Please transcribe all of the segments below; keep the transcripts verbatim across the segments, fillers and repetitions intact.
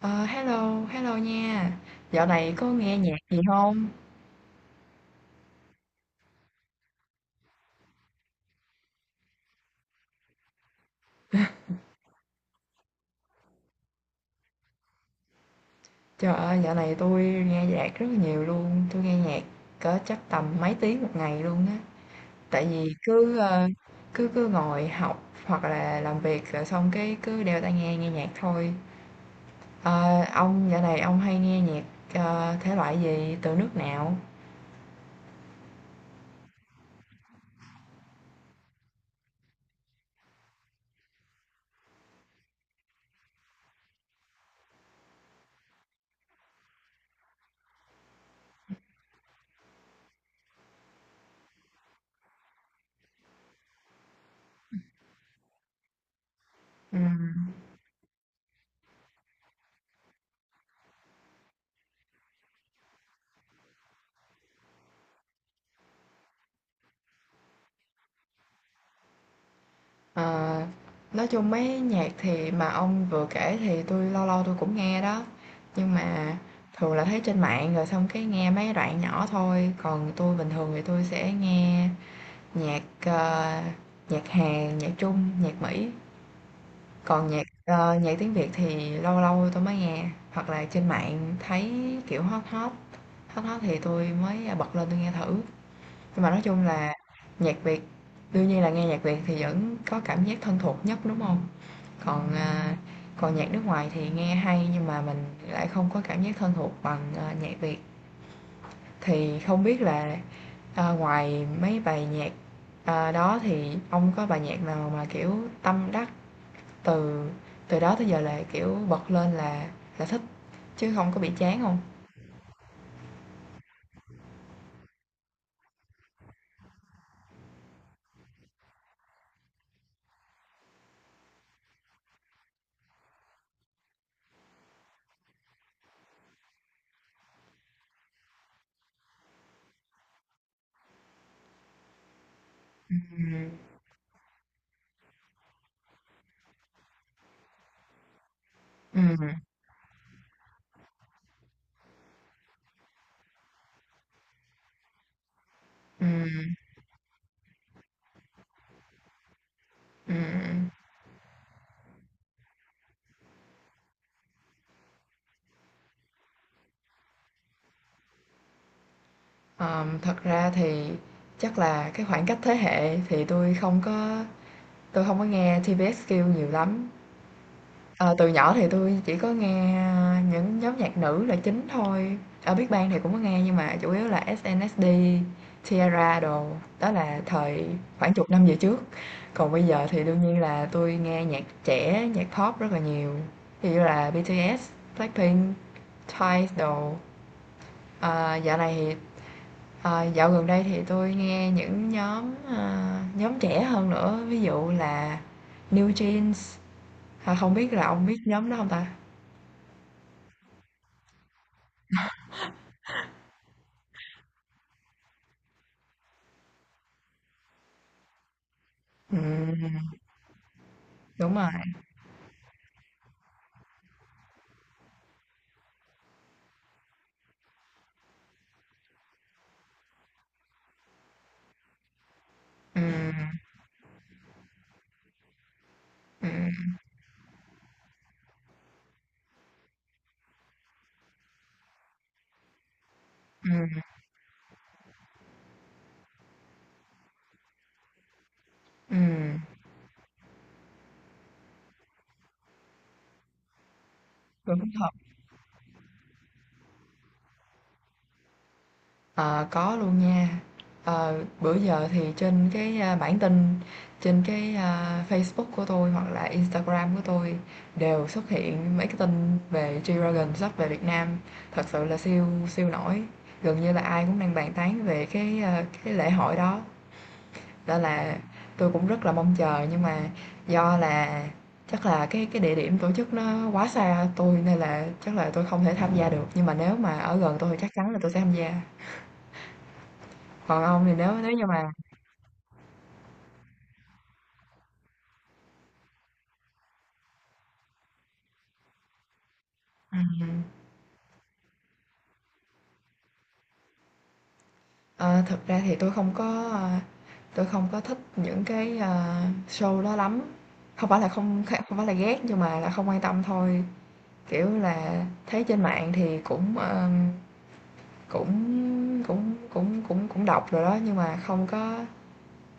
Ờ, Hello, hello nha. Dạo này có nghe nhạc gì không? Trời ơi, dạo này tôi nghe nhạc rất là nhiều luôn. Tôi nghe nhạc cỡ chắc tầm mấy tiếng một ngày luôn á. Tại vì cứ ờ, cứ cứ ngồi học hoặc là làm việc rồi xong cái cứ đeo tai nghe nghe nhạc thôi. Ờ, ông dạo này ông hay nghe nhạc ờ, thể loại gì từ nước nào? Ừ. Ờ, nói chung mấy nhạc thì mà ông vừa kể thì tôi lâu lâu tôi cũng nghe đó, nhưng mà thường là thấy trên mạng rồi xong cái nghe mấy đoạn nhỏ thôi. Còn tôi bình thường thì tôi sẽ nghe nhạc, ờ, nhạc Hàn, nhạc Trung, nhạc Mỹ. Còn nhạc ờ, nhạc tiếng Việt thì lâu lâu tôi mới nghe, hoặc là trên mạng thấy kiểu hot hot hot hot thì tôi mới bật lên tôi nghe thử. Nhưng mà nói chung là nhạc Việt, đương nhiên là nghe nhạc Việt thì vẫn có cảm giác thân thuộc nhất, đúng không? Còn, à, còn nhạc nước ngoài thì nghe hay nhưng mà mình lại không có cảm giác thân thuộc bằng, ờ, nhạc Việt. Thì không biết là, ờ, ngoài mấy bài nhạc, ờ, đó thì ông có bài nhạc nào mà, kiểu, tâm đắc từ từ đó tới giờ là, kiểu, bật lên là là thích, chứ không có bị chán không? Ừm, ừm, ừm, ừm, Ờm, thật ra thì chắc là cái khoảng cách thế hệ thì tôi không có tôi không có nghe tê vê ích quy nhiều lắm. Ờ, từ nhỏ thì tôi chỉ có nghe những nhóm nhạc nữ là chính thôi. Ở Big Bang thì cũng có nghe nhưng mà chủ yếu là ét en ét đê, Tiara đồ, đó là thời khoảng chục năm về trước. Còn bây giờ thì đương nhiên là tôi nghe nhạc trẻ, nhạc pop rất là nhiều. Ví dụ như là bê tê ét, Blackpink, Twice đồ. Ờ, dạo này thì Ờ, dạo gần đây thì tôi nghe những nhóm, ờ, nhóm trẻ hơn nữa, ví dụ là New Jeans. Ờ, không biết là ông biết nhóm đó không ta? Ừm, đúng rồi. Ừm, ừm, ừm, ừm, đúng. Ờ, có luôn nha. Ờ, bữa giờ thì trên cái à, bản tin, trên cái à, Facebook của tôi hoặc là Instagram của tôi đều xuất hiện mấy cái tin về G-Dragon sắp về Việt Nam. Thật sự là siêu siêu nổi. Gần như là ai cũng đang bàn tán về cái à, cái lễ hội đó. Đó là tôi cũng rất là mong chờ nhưng mà do là chắc là cái cái địa điểm tổ chức nó quá xa tôi nên là chắc là tôi không thể tham gia được. Nhưng mà nếu mà ở gần tôi thì chắc chắn là tôi sẽ tham gia. Còn ông thì nếu nếu như mà ừm, ờ, thực ra thì tôi không có, ờ, tôi không có thích những cái, ờ, show đó lắm. Không phải là không không phải là ghét nhưng mà là không quan tâm thôi, kiểu là, thấy trên mạng thì cũng, ờm, cũng cũng cũng cũng cũng đọc rồi đó, nhưng mà không có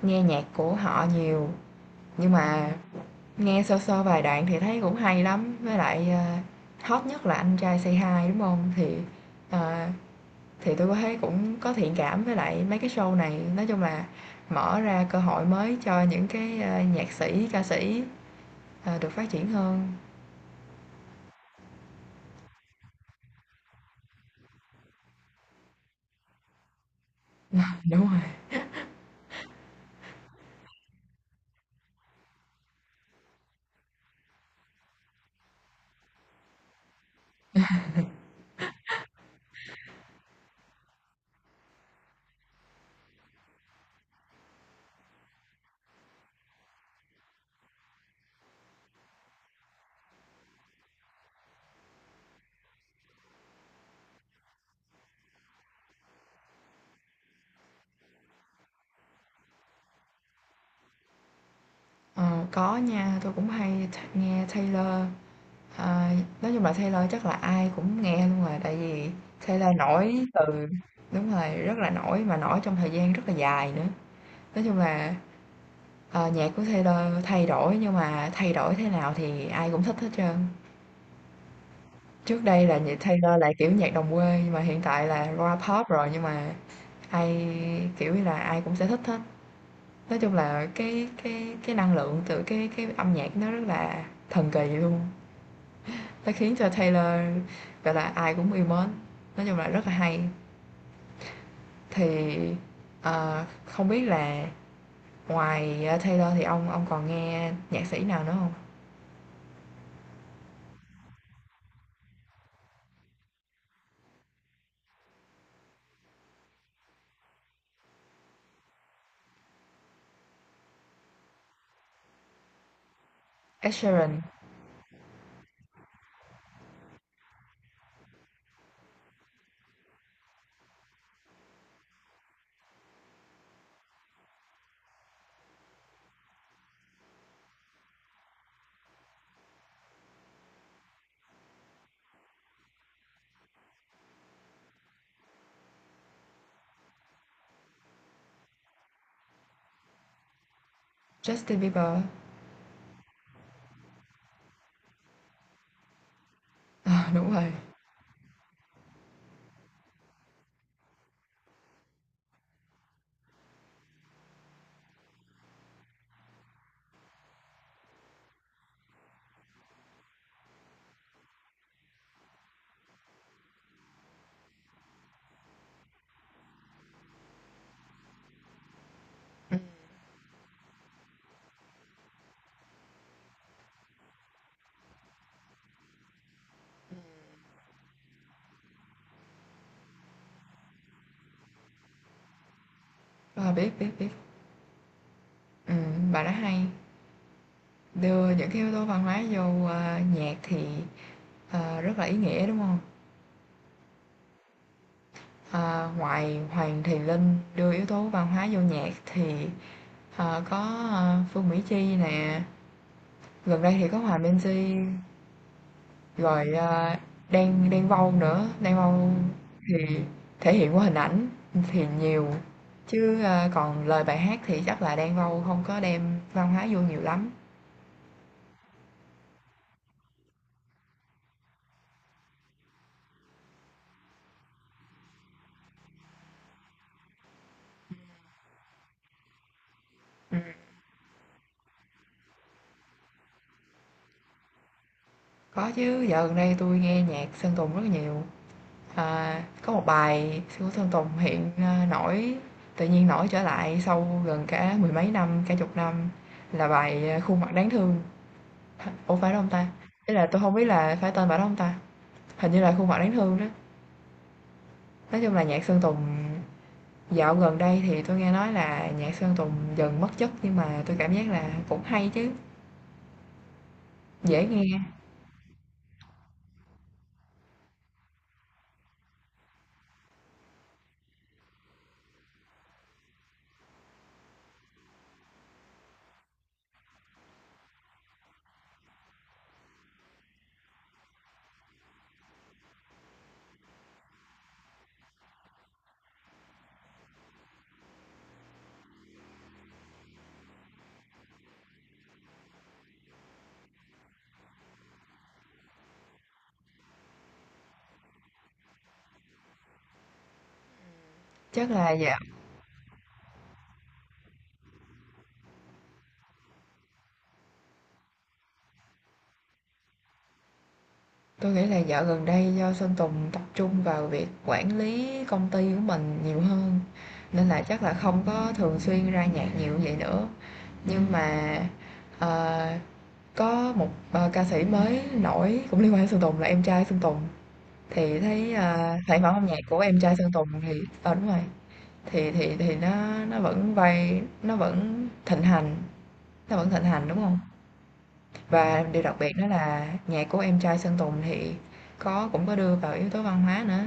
nghe nhạc của họ nhiều. Nhưng mà nghe sơ sơ vài đoạn thì thấy cũng hay lắm, với lại, ờ, hot nhất là Anh Trai Say Hi, đúng không? Thì, ờ Thì tôi có thấy cũng có thiện cảm với lại mấy cái show này, nói chung là mở ra cơ hội mới cho những cái, a, nhạc sĩ, ca sĩ, ờ, được phát triển hơn. Đúng rồi, ờ, có nha, tôi cũng hay th nghe Taylor, ờ, nói chung là Taylor chắc là ai cũng nghe luôn rồi, tại vì Taylor nổi từ đúng rồi, rất là nổi mà nổi trong thời gian rất là dài nữa. Nói chung là, ờ, nhạc của Taylor thay đổi nhưng mà thay đổi thế nào thì ai cũng thích hết trơn. Trước đây là nhạc Taylor là kiểu nhạc đồng quê nhưng mà hiện tại là rap pop rồi, nhưng mà ai kiểu như là ai cũng sẽ thích hết. Nói chung là cái cái cái năng lượng từ cái cái âm nhạc nó rất là thần kỳ luôn. Nó khiến cho Taylor gọi là ai cũng yêu mến. Nói chung là rất là hay. Thì ờ, không biết là ngoài ờ, Taylor thì ông ông còn nghe nhạc sĩ nào nữa không? Ed Sheeran, Justin Bieber. Ờ, đúng rồi. Ừ. Ờ, biết biết biết. Ừ, bà đó hay. Đưa những cái yếu tố văn hóa vô, a, nhạc thì, ờ, rất là ý nghĩa, đúng không? Ờ, ngoài Hoàng Thùy Linh đưa yếu tố văn hóa vô nhạc thì, ờ, có, ơ, Phương Mỹ Chi nè, gần đây thì có Hòa Minzy, rồi, a, Đen Đen Vâu nữa, Đen Vâu thì thể hiện qua hình ảnh thì nhiều, chứ, a, còn lời bài hát thì chắc là Đen Vâu không có đem văn hóa vô nhiều lắm. Ừm, có chứ, dạo gần đây tôi nghe nhạc Sơn Tùng rất là nhiều. À, có một bài Sư Tử Sơn Tùng hiện, ơ, nổi tự nhiên nổi trở lại sau gần cả mười mấy năm, cả chục năm là bài, ờ, "Khuôn mặt đáng thương." H ủa, phải đó hông ta? Ý là tôi không biết là phải tên bài đó hông ta? Hình như là "Khuôn mặt đáng thương" đó. Nói chung là nhạc Sơn Tùng dạo gần đây thì tôi nghe nói là nhạc Sơn Tùng dần mất chất nhưng mà tôi cảm giác là cũng hay chứ, dễ nghe, chắc là do tôi nghĩ là dạo gần đây do Sơn Tùng tập trung vào việc quản lý công ty của mình nhiều hơn nên là chắc là không có thường xuyên ra nhạc nhiều như vậy nữa. Nhưng mà, ờ, có một, ờ, ca sĩ mới nổi cũng liên quan đến Sơn Tùng là em trai Sơn Tùng, thì thấy, ờ, sản phẩm âm nhạc của em trai Sơn Tùng thì ờ, đúng rồi, thì thì thì nó nó vẫn vay nó vẫn thịnh hành, nó vẫn thịnh hành, đúng không? Và điều đặc biệt đó là nhạc của em trai Sơn Tùng thì có cũng có đưa vào yếu tố văn hóa nữa.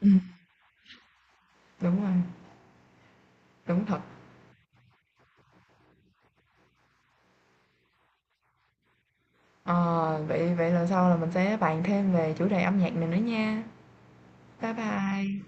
Ừm. Đúng rồi, đúng thật. Ờ, vậy vậy lần sau là mình sẽ bàn thêm về chủ đề âm nhạc này nữa nha. Bye bye.